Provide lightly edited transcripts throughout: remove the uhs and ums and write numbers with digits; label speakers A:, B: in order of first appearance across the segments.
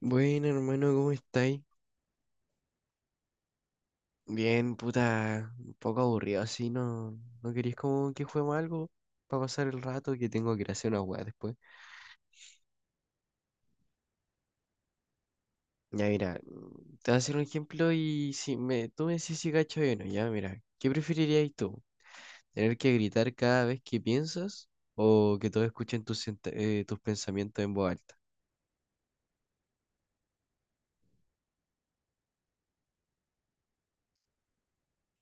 A: Bueno, hermano, ¿cómo estáis? Bien, puta, un poco aburrido así, ¿no? ¿No queréis como que juguemos algo para pasar el rato que tengo que ir a hacer una weá después? Ya, mira, te voy a hacer un ejemplo y si me, tú me decís si gacho o no, ya, mira, ¿qué preferirías tú? ¿Tener que gritar cada vez que piensas o que todos escuchen tus pensamientos en voz alta?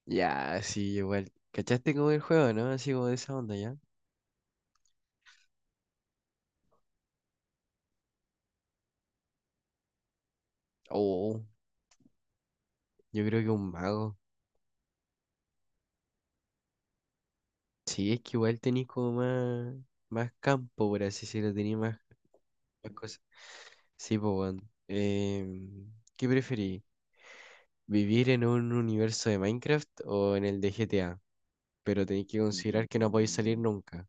A: Ya, sí, igual. ¿Cachaste como el juego, no? Así como de esa onda, ¿ya? Oh, yo creo que un mago. Sí, es que igual tenía como más, más campo, por así decirlo, tenía más, más cosas. Sí, pues, weón. ¿Qué preferís? ¿Vivir en un universo de Minecraft o en el de GTA? Pero tenéis que considerar que no podéis salir nunca.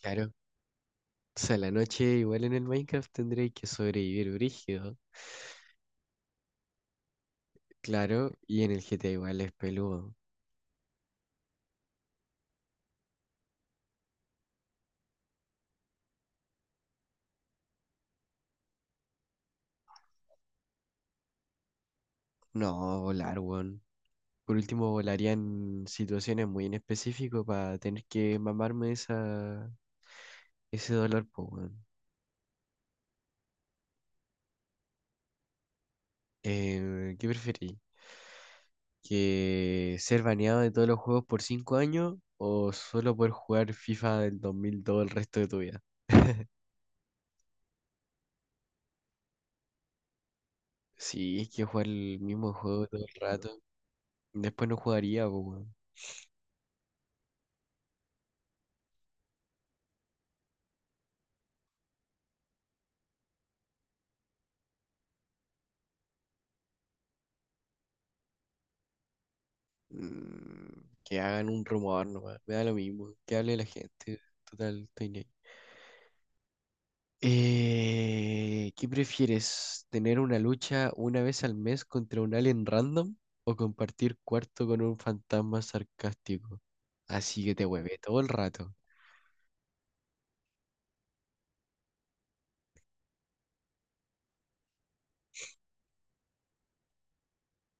A: Claro. O sea, la noche igual en el Minecraft tendréis que sobrevivir brígido. Claro, y en el GTA igual es peludo. No, volar, weón. Por último, volaría en situaciones muy en específico para tener que mamarme ese dólar, pues, weón. ¿Qué preferís? ¿Que ser baneado de todos los juegos por 5 años o solo poder jugar FIFA del 2002 el resto de tu vida? Sí, es que jugar el mismo juego todo el rato. Después no jugaría, pues, weón. Mm, que hagan un rumor nomás. Me da lo mismo. Que hable la gente. Total, estoy ni ahí. ¿Qué prefieres? ¿Tener una lucha una vez al mes contra un alien random o compartir cuarto con un fantasma sarcástico? Así que te hueve todo el rato.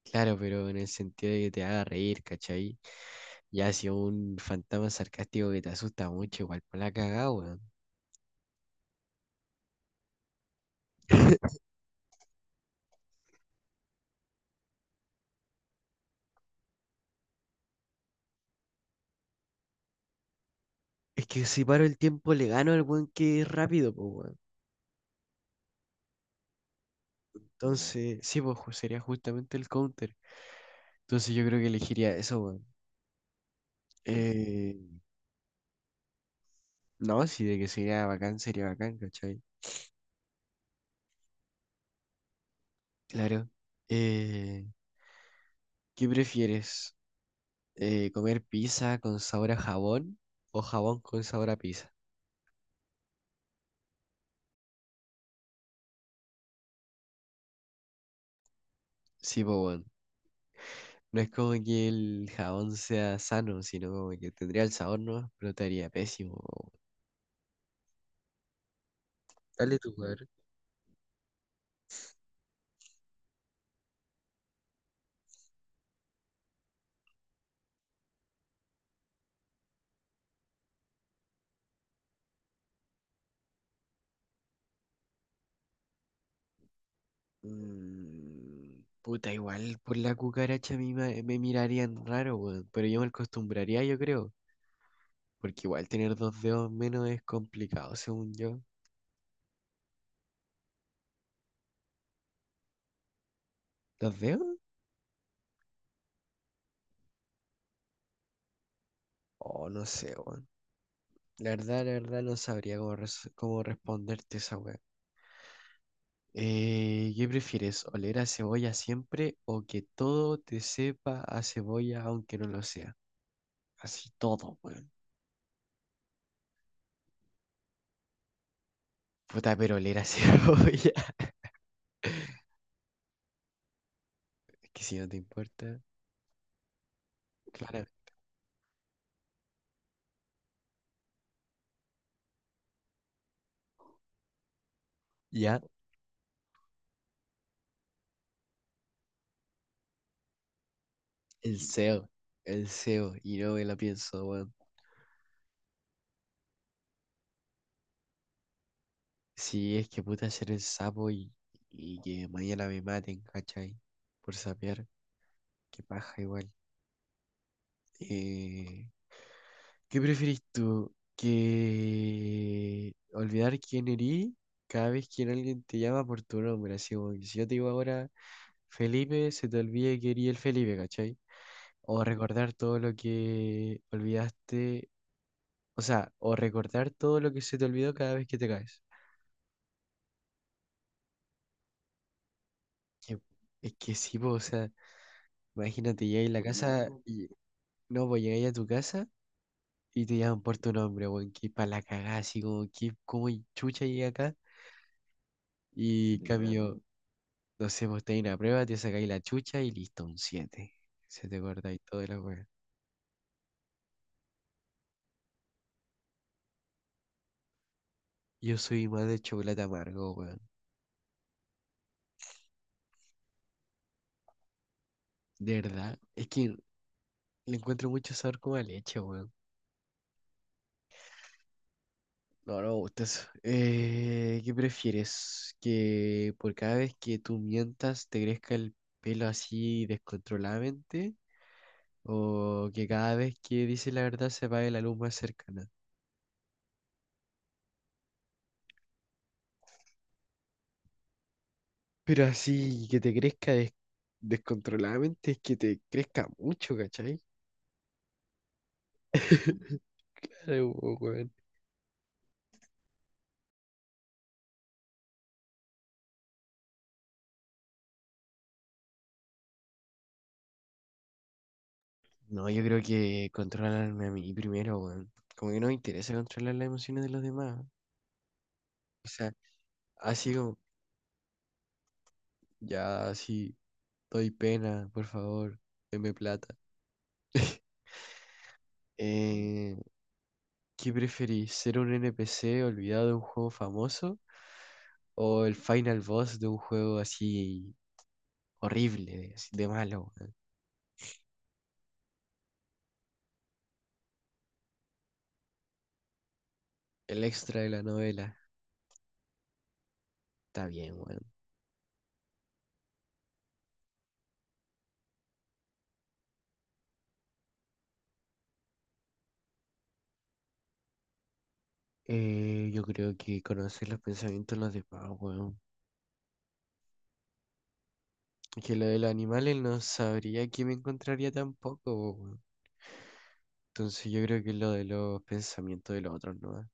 A: Claro, pero en el sentido de que te haga reír, ¿cachai? Ya si un fantasma sarcástico que te asusta mucho, igual por la cagada, weón. Es que si paro el tiempo le gano al weón que es rápido, pues weón. Entonces, sí, pues sería justamente el counter. Entonces yo creo que elegiría eso, weón. Eh, No, sí, de que sería bacán, ¿cachai? Claro. Eh, ¿Qué prefieres? ¿Comer pizza con sabor a jabón o jabón con sabor a pizza? Sí, pues bueno. No es como que el jabón sea sano, sino como que tendría el sabor, ¿no? Pero estaría pésimo, po, weón. Dale tu lugar. Mm, puta, igual por la cucaracha a mí me mirarían raro, weón, pero yo me acostumbraría, yo creo, porque igual tener dos dedos menos es complicado, según yo. ¿Dos dedos? Oh, no sé, weón. La verdad, no sabría cómo responderte esa weá. ¿Qué prefieres? ¿Oler a cebolla siempre o que todo te sepa a cebolla aunque no lo sea? Así todo, weón. Puta, pero oler a cebolla. Es que si no te importa. Claro, ya, el SEO. El SEO. Y no me la pienso, weón. Si es que puta ser el sapo y que mañana me maten, ¿cachai? Por sapear. Qué paja igual. Eh, ¿Qué preferís tú? ¿Que olvidar quién eres cada vez que alguien te llama por tu nombre? Así como que si yo te digo ahora Felipe, se te olvide que eres el Felipe, ¿cachai? O recordar todo lo que olvidaste, o sea, o recordar todo lo que se te olvidó cada vez que te caes. Que- es que sí, po, o sea, imagínate, llegáis a la casa y no, pues llegáis a tu casa y te llaman por tu nombre, weón, que para la cagada, así como que, como chucha llegué acá y ya. Camilo. No sé, vos tenés la prueba, te sacáis la chucha y listo, un 7, se te guarda y toda la weá. Yo soy más de chocolate amargo, weón. De verdad. Es que le encuentro mucho sabor como a leche, weón. No, no me gusta eso. ¿Qué prefieres? ¿Que por cada vez que tú mientas te crezca el pelo así descontroladamente? ¿O que cada vez que dices la verdad se apague la luz más cercana? Pero así, que te crezca descontroladamente es que te crezca mucho, ¿cachai? Sí, weón. No, yo creo que controlarme a mí primero, weón. Como que no me interesa controlar las emociones de los demás. O sea, así como, ya, así, doy pena, por favor, deme plata. Eh, ¿qué preferís? ¿Ser un NPC olvidado de un juego famoso? ¿O el final boss de un juego así horrible, así de malo, weón? El extra de la novela. Está bien, weón. Yo creo que conocer los pensamientos de los demás, weón. Que lo de los animales no sabría que me encontraría tampoco, weón. Entonces yo creo que lo de los pensamientos de los otros, ¿no? Ah,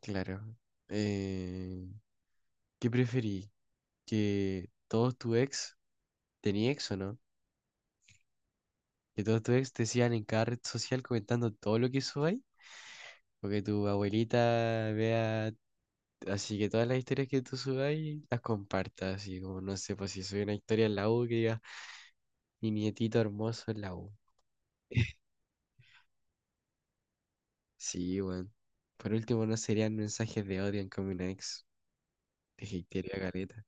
A: claro. Eh, ¿Qué preferí? ¿Que todos tu ex, tenía ex o no? ¿Que todos tus ex te sigan en cada red social comentando todo lo que subáis? ¿O que tu abuelita vea así que todas las historias que tú subáis las compartas? Así como, no sé, pues si soy una historia en la U, que diga mi nietito hermoso en la U. Sí, weón. Por último, no serían mensajes de odio en Common Ex. Te hatearía caleta.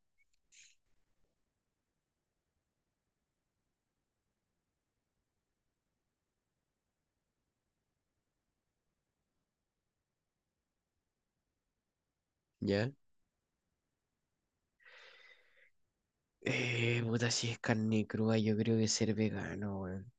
A: ¿Ya? Puta, si es carne cruda, yo creo que ser vegano, weón.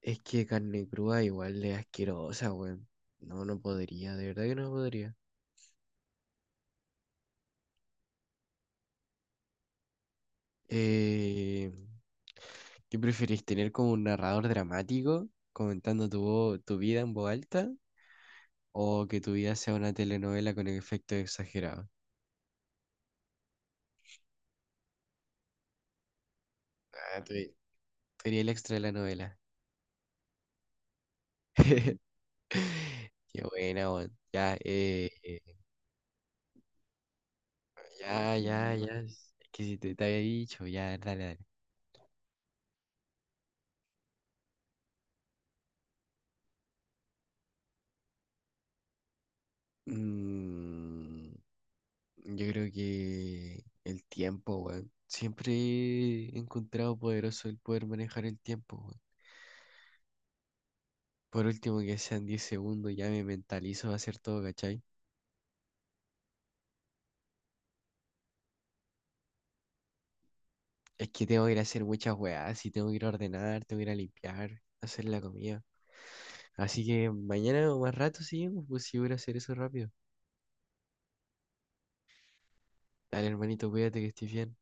A: Es que carne cruda igual es asquerosa, weón. No, no podría, de verdad que no podría. Eh, ¿Qué preferís, tener como un narrador dramático comentando tu vida en voz alta o que tu vida sea una telenovela con efectos exagerados? Ah, tú eres el extra de la novela. Qué buena, weón. Ya, ya, ya, ya. Es que si te había dicho, ya, dale, dale. Mm, yo creo que el tiempo, weón. Siempre he encontrado poderoso el poder manejar el tiempo, weón. Por último, que sean 10 segundos, ya me mentalizo a hacer todo, ¿cachai? Es que tengo que ir a hacer muchas weas, y tengo que ir a ordenar, tengo que ir a limpiar, hacer la comida. Así que mañana o más rato, sí, pues si voy a ir a hacer eso rápido. Dale, hermanito, cuídate que estés bien.